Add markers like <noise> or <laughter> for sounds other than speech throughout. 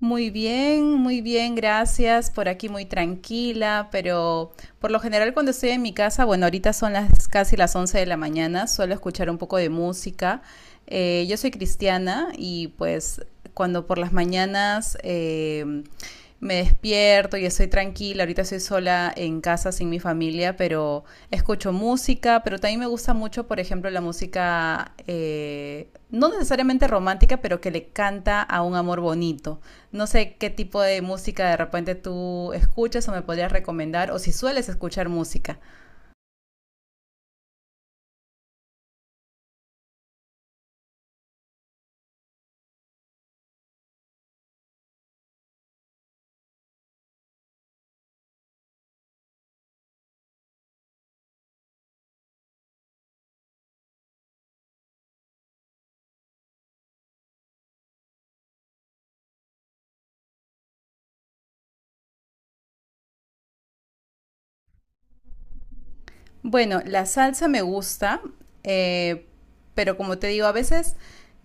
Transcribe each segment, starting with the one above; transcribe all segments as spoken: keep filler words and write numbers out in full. Muy bien, muy bien, gracias. Por aquí muy tranquila, pero por lo general cuando estoy en mi casa, bueno, ahorita son las casi las once de la mañana, suelo escuchar un poco de música. Eh, yo soy cristiana y pues cuando por las mañanas eh, me despierto y estoy tranquila. Ahorita estoy sola en casa sin mi familia, pero escucho música, pero también me gusta mucho, por ejemplo, la música eh, no necesariamente romántica, pero que le canta a un amor bonito. No sé qué tipo de música de repente tú escuchas o me podrías recomendar, o si sueles escuchar música. Bueno, la salsa me gusta, eh, pero como te digo, a veces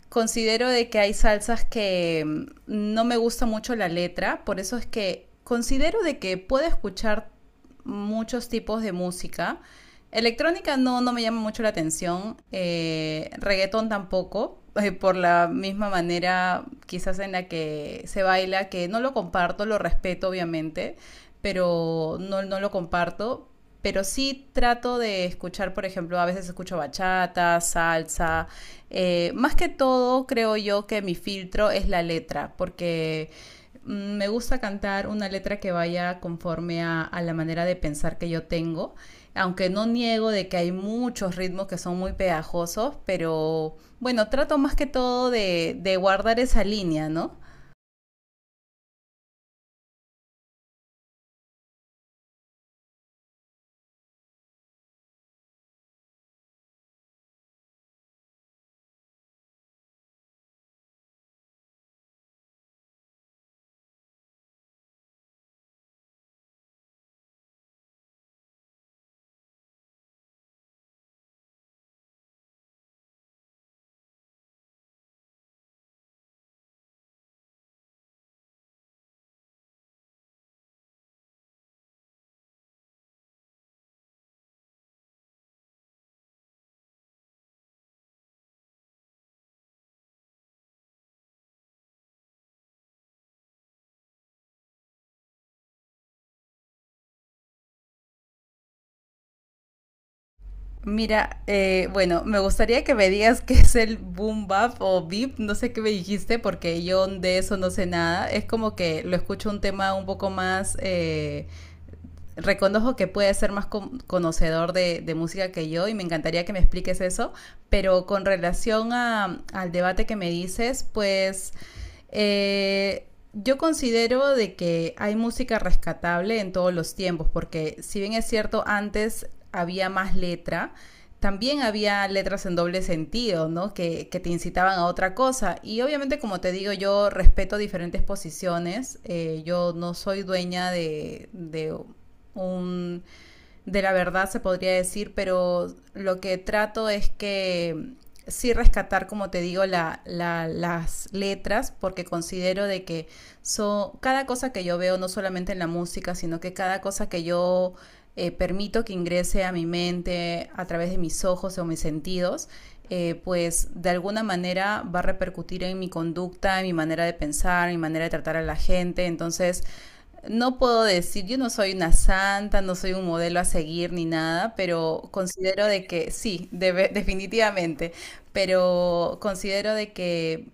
considero de que hay salsas que mm, no me gusta mucho la letra, por eso es que considero de que puedo escuchar muchos tipos de música. Electrónica no, no me llama mucho la atención, eh, reggaetón tampoco, <laughs> eh, por la misma manera quizás en la que se baila, que no lo comparto, lo respeto obviamente, pero no, no lo comparto. Pero sí trato de escuchar, por ejemplo, a veces escucho bachata, salsa. Eh, más que todo, creo yo que mi filtro es la letra, porque mm, me gusta cantar una letra que vaya conforme a, a la manera de pensar que yo tengo. Aunque no niego de que hay muchos ritmos que son muy pegajosos, pero bueno, trato más que todo de, de guardar esa línea, ¿no? Mira, eh, bueno, me gustaría que me digas qué es el boom bap o beep, no sé qué me dijiste porque yo de eso no sé nada. Es como que lo escucho un tema un poco más eh, reconozco que puedes ser más con- conocedor de, de música que yo y me encantaría que me expliques eso, pero con relación a- al debate que me dices, pues eh, yo considero de que hay música rescatable en todos los tiempos, porque si bien es cierto, antes había más letra, también había letras en doble sentido, ¿no? Que, que te incitaban a otra cosa. Y obviamente, como te digo, yo respeto diferentes posiciones. Eh, yo no soy dueña de, de un de la verdad se podría decir, pero lo que trato es que sí rescatar, como te digo, la, la, las letras, porque considero de que so, cada cosa que yo veo, no solamente en la música, sino que cada cosa que yo eh, permito que ingrese a mi mente a través de mis ojos o mis sentidos, eh, pues de alguna manera va a repercutir en mi conducta, en mi manera de pensar, en mi manera de tratar a la gente. Entonces, no puedo decir, yo no soy una santa, no soy un modelo a seguir ni nada, pero considero de que sí, debe- <laughs> definitivamente, pero considero de que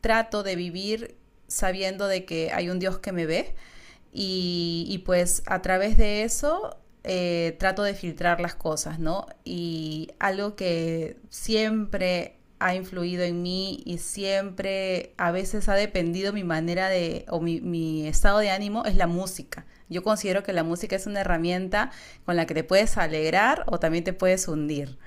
trato de vivir sabiendo de que hay un Dios que me ve y, y pues a través de eso eh, trato de filtrar las cosas, ¿no? Y algo que siempre ha influido en mí y siempre a veces ha dependido mi manera de o mi, mi, estado de ánimo es la música. Yo considero que la música es una herramienta con la que te puedes alegrar o también te puedes hundir.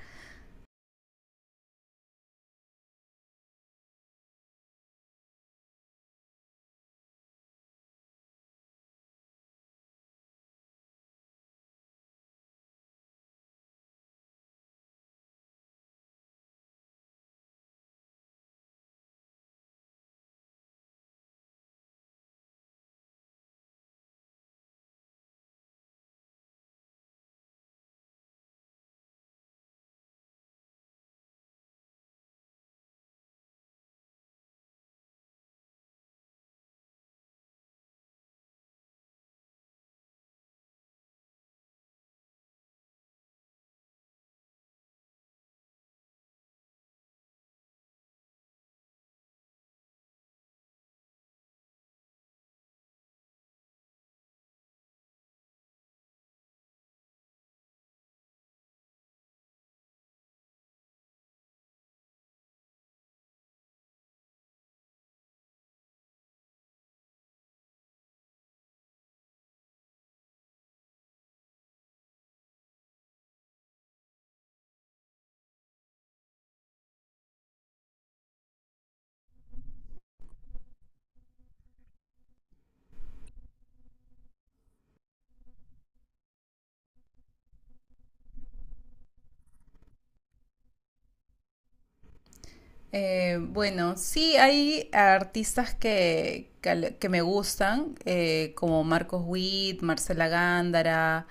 Eh, bueno, sí, hay artistas que, que, al- que me gustan, eh, como Marcos Witt, Marcela Gándara,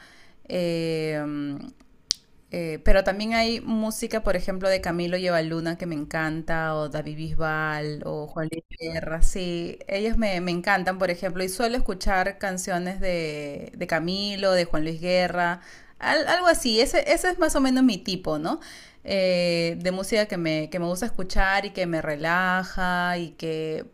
eh, eh, pero también hay música, por ejemplo, de Camilo Llevaluna que me encanta, o David Bisbal, o Juan Luis Guerra, sí, ellos me, me encantan, por ejemplo, y suelo escuchar canciones de, de Camilo, de Juan Luis Guerra, al- algo así, ese, ese es más o menos mi tipo, ¿no? Eh, de música que me, que me gusta escuchar y que me relaja y que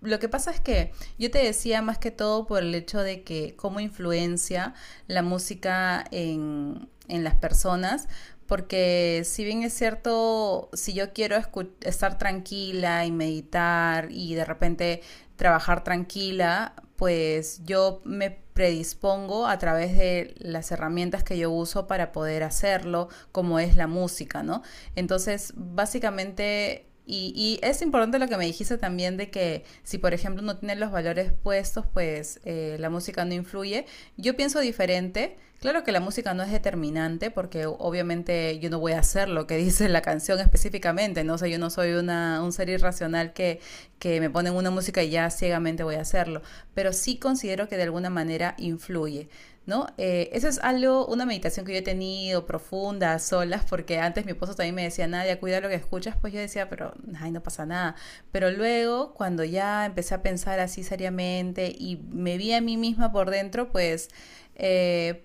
lo que pasa es que yo te decía más que todo por el hecho de que cómo influencia la música en, en las personas, porque si bien es cierto, si yo quiero escu- estar tranquila y meditar y de repente trabajar tranquila, pues yo me predispongo a través de las herramientas que yo uso para poder hacerlo, como es la música, ¿no? Entonces, básicamente y, y es importante lo que me dijiste también de que si, por ejemplo, no tienen los valores puestos, pues eh, la música no influye. Yo pienso diferente. Claro que la música no es determinante porque obviamente yo no voy a hacer lo que <laughs> dice la canción específicamente, ¿no? O sea, yo no soy una, un ser irracional que, que me ponen una música y ya ciegamente voy a hacerlo. Pero sí considero que de alguna manera influye, ¿no? Eh, eso es algo, una meditación que yo he tenido profunda, a solas, porque antes mi esposo también me decía, Nadia, cuida lo que escuchas, pues yo decía, pero, ay, no pasa nada. Pero luego, cuando ya empecé a pensar así seriamente y me vi a mí misma por dentro, pues eh,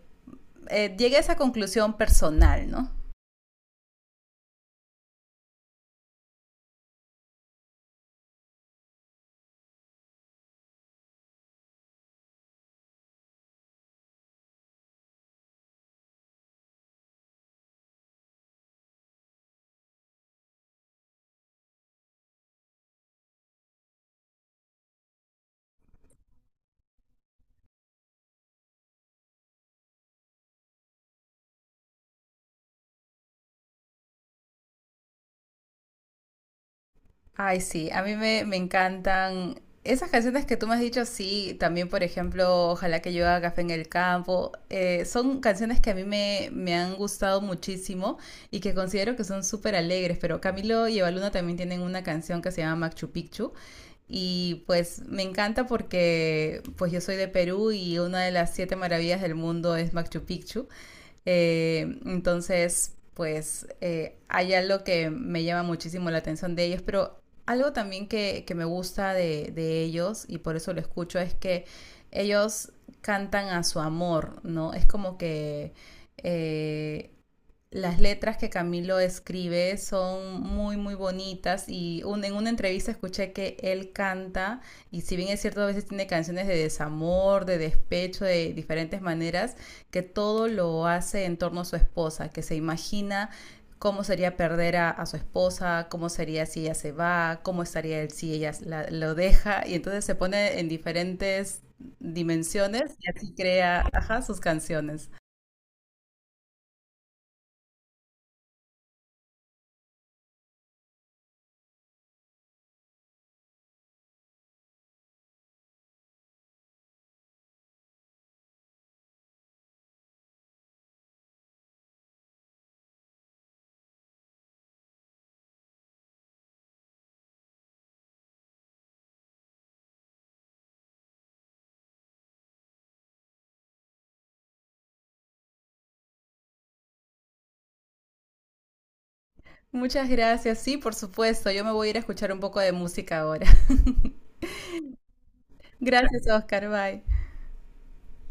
eh, llegué a esa conclusión personal, ¿no? Ay, sí, a mí me, me encantan esas canciones que tú me has dicho, sí, también por ejemplo, Ojalá que yo haga café en el campo, eh, son canciones que a mí me, me han gustado muchísimo y que considero que son súper alegres, pero Camilo y Evaluna también tienen una canción que se llama Machu Picchu y pues me encanta porque pues yo soy de Perú y una de las siete maravillas del mundo es Machu Picchu. Eh, entonces, pues eh, hay algo que me llama muchísimo la atención de ellos, pero algo también que, que me gusta de, de ellos, y por eso lo escucho, es que ellos cantan a su amor, ¿no? Es como que eh, las letras que Camilo escribe son muy, muy bonitas y un- en una entrevista escuché que él canta y si bien es cierto, a veces tiene canciones de desamor, de despecho, de diferentes maneras, que todo lo hace en torno a su esposa, que se imagina cómo sería perder a, a su esposa, cómo sería si ella se va, cómo estaría él si ella la- lo deja y entonces se pone en diferentes dimensiones y así crea, ajá, sus canciones. Muchas gracias. Sí, por supuesto. Yo me voy a ir a escuchar un poco de música ahora. <laughs> Gracias, Oscar. Bye.